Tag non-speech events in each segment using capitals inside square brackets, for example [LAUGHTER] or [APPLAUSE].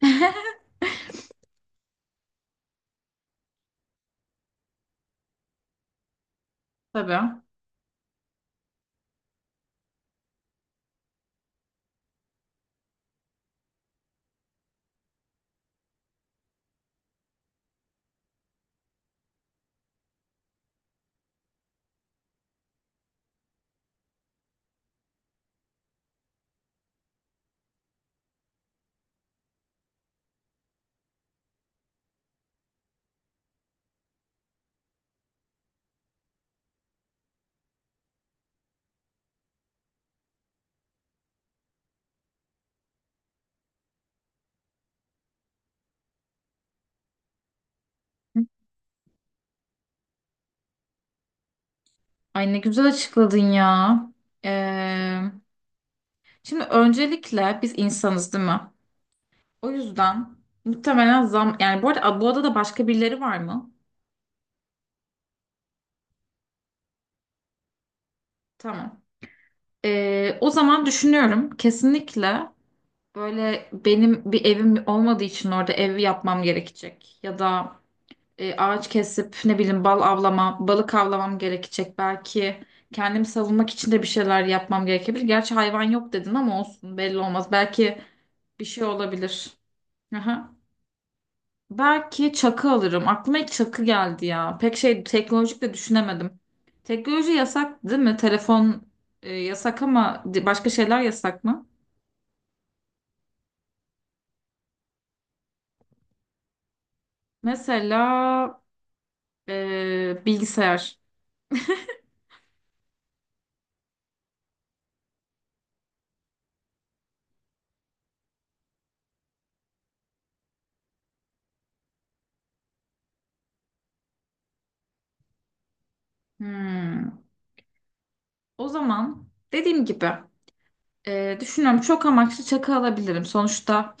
[LAUGHS] Tabii. Ay ne güzel açıkladın ya. Ee, Şimdi öncelikle biz insanız değil mi? O yüzden muhtemelen zam... Yani bu arada bu adada başka birileri var mı? Tamam. O zaman düşünüyorum. Kesinlikle böyle benim bir evim olmadığı için orada ev yapmam gerekecek. Ya da ağaç kesip ne bileyim bal avlama, balık avlamam gerekecek belki. Kendimi savunmak için de bir şeyler yapmam gerekebilir. Gerçi hayvan yok dedin ama olsun belli olmaz. Belki bir şey olabilir. Aha. Belki çakı alırım. Aklıma ilk çakı geldi ya. Pek şey teknolojik de düşünemedim. Teknoloji yasak değil mi? Telefon yasak ama başka şeyler yasak mı? Mesela bilgisayar. Hmm. O zaman dediğim gibi. Düşünüyorum çok amaçlı çakı alabilirim. Sonuçta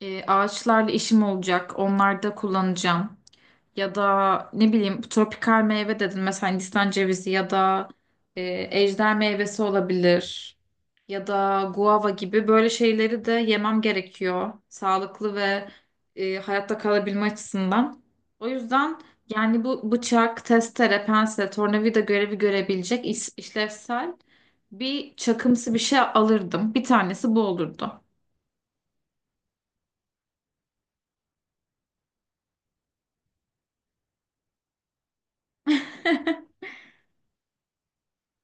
ağaçlarla işim olacak. Onlarda kullanacağım. Ya da ne bileyim tropikal meyve dedin mesela Hindistan cevizi ya da ejder meyvesi olabilir ya da guava gibi böyle şeyleri de yemem gerekiyor sağlıklı ve hayatta kalabilme açısından. O yüzden yani bu bıçak, testere, pense, tornavida görevi görebilecek işlevsel bir çakımsı bir şey alırdım. Bir tanesi bu olurdu. [LAUGHS]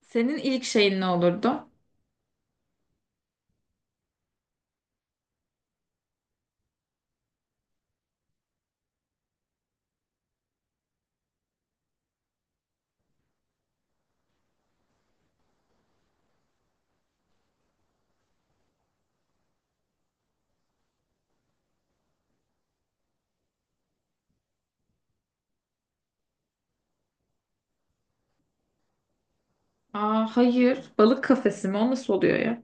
Senin ilk şeyin ne olurdu? Aa, hayır. Balık kafesi mi? O nasıl oluyor ya?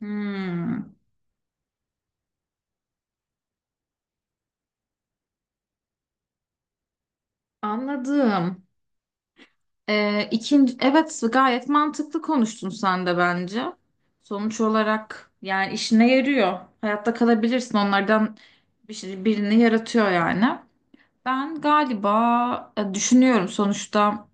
Hmm, anladım. İkinci, evet gayet mantıklı konuştun sen de bence. Sonuç olarak yani işine yarıyor. Hayatta kalabilirsin onlardan bir şey, birini yaratıyor yani. Ben galiba düşünüyorum sonuçta.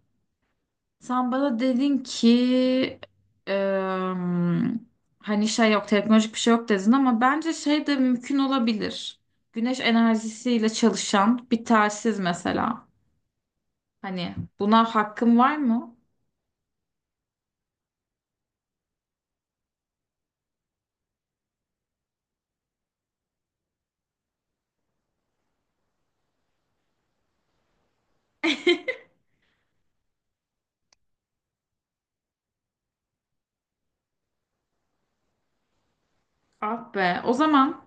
Sen bana dedin ki em, hani şey yok teknolojik bir şey yok dedin ama bence şey de mümkün olabilir. Güneş enerjisiyle çalışan bir telsiz mesela. Hani buna hakkım var mı? [LAUGHS] Ah be. O zaman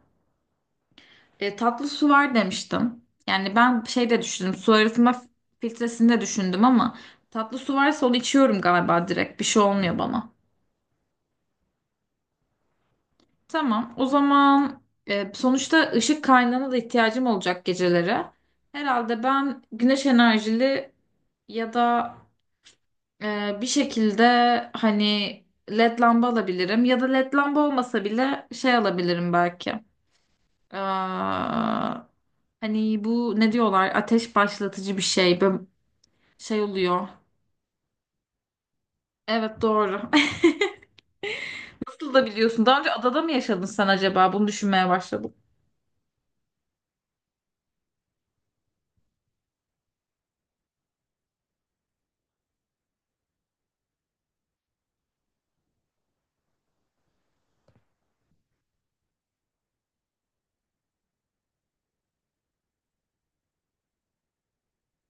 tatlı su var demiştim. Yani ben şey de düşündüm. Su arıtma filtresini de düşündüm ama tatlı su varsa onu içiyorum galiba direkt. Bir şey olmuyor bana. Tamam. O zaman sonuçta ışık kaynağına da ihtiyacım olacak geceleri. Herhalde ben güneş enerjili ya da bir şekilde hani led lamba alabilirim. Ya da led lamba olmasa bile şey alabilirim belki. Ee, Hani bu ne diyorlar? Ateş başlatıcı bir şey. Böyle şey oluyor. Evet doğru. [LAUGHS] Nasıl da biliyorsun? Daha önce adada mı yaşadın sen acaba? Bunu düşünmeye başladım.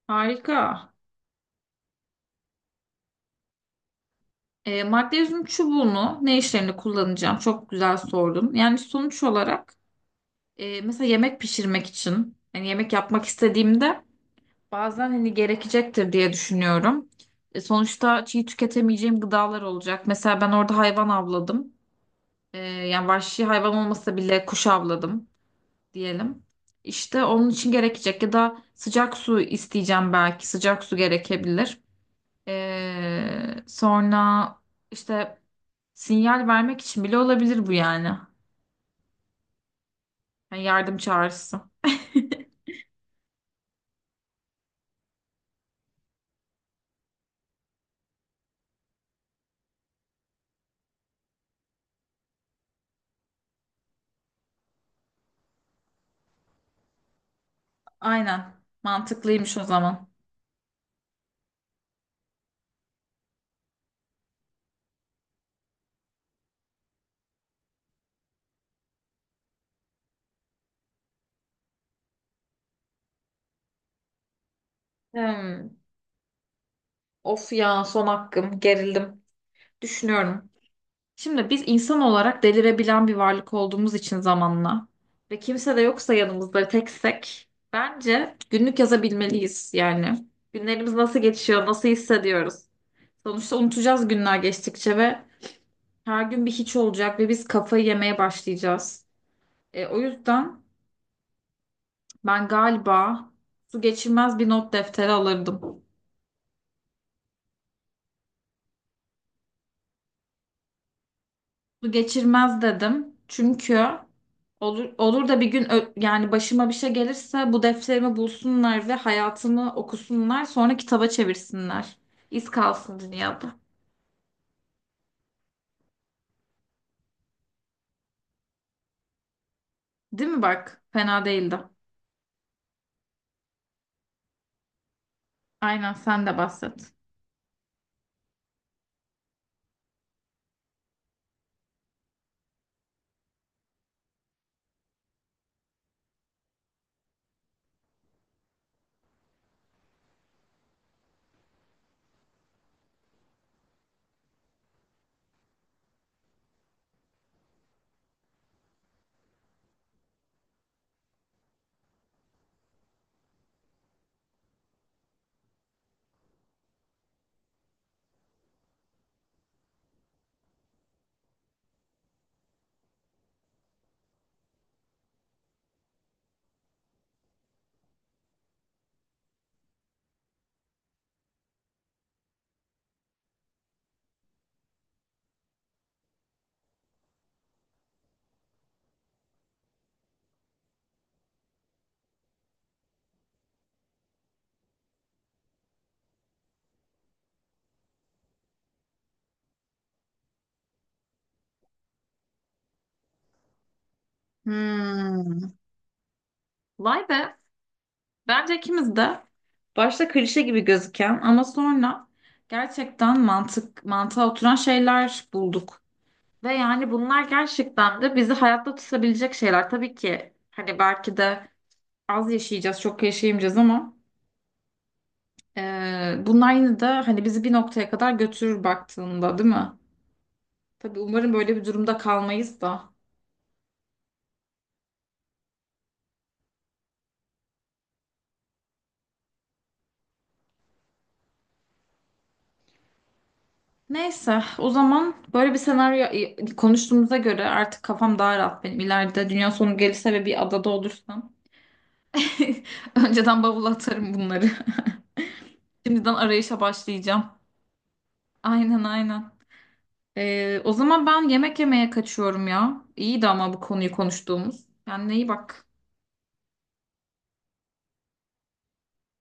Harika. Magnezyum çubuğunu ne işlerinde kullanacağım? Çok güzel sordun. Yani sonuç olarak mesela yemek pişirmek için hani yemek yapmak istediğimde bazen hani gerekecektir diye düşünüyorum. Sonuçta çiğ tüketemeyeceğim gıdalar olacak. Mesela ben orada hayvan avladım. Yani vahşi hayvan olmasa bile kuş avladım diyelim. İşte onun için gerekecek ya da sıcak su isteyeceğim belki. Sıcak su gerekebilir. E, sonra işte Sinyal vermek için bile olabilir bu yani. Yani yardım çağrısı. Aynen. Mantıklıymış o zaman. Hmm. Of ya son hakkım. Gerildim. Düşünüyorum. Şimdi biz insan olarak delirebilen bir varlık olduğumuz için zamanla ve kimse de yoksa yanımızda ve teksek bence günlük yazabilmeliyiz yani. Günlerimiz nasıl geçiyor, nasıl hissediyoruz? Sonuçta unutacağız günler geçtikçe ve her gün bir hiç olacak ve biz kafayı yemeye başlayacağız. O yüzden ben galiba su geçirmez bir not defteri alırdım. Su geçirmez dedim. Çünkü olur, olur da bir gün yani başıma bir şey gelirse bu defterimi bulsunlar ve hayatımı okusunlar sonra kitaba çevirsinler. İz kalsın dünyada. Değil mi bak? Fena değildi. Aynen sen de bahset. Hmm. Vay be. Bence ikimiz de başta klişe gibi gözüken ama sonra gerçekten mantık mantığa oturan şeyler bulduk. Ve yani bunlar gerçekten de bizi hayatta tutabilecek şeyler. Tabii ki hani belki de az yaşayacağız, çok yaşayamayacağız ama bunlar yine de hani bizi bir noktaya kadar götürür baktığında, değil mi? Tabii umarım böyle bir durumda kalmayız da. Neyse, o zaman böyle bir senaryo konuştuğumuza göre artık kafam daha rahat benim. İleride dünya sonu gelirse ve bir adada olursam [LAUGHS] önceden bavula atarım bunları. [LAUGHS] Şimdiden arayışa başlayacağım. Aynen aynen. O zaman ben yemek yemeye kaçıyorum ya. İyiydi ama bu konuyu konuştuğumuz. Kendine iyi bak.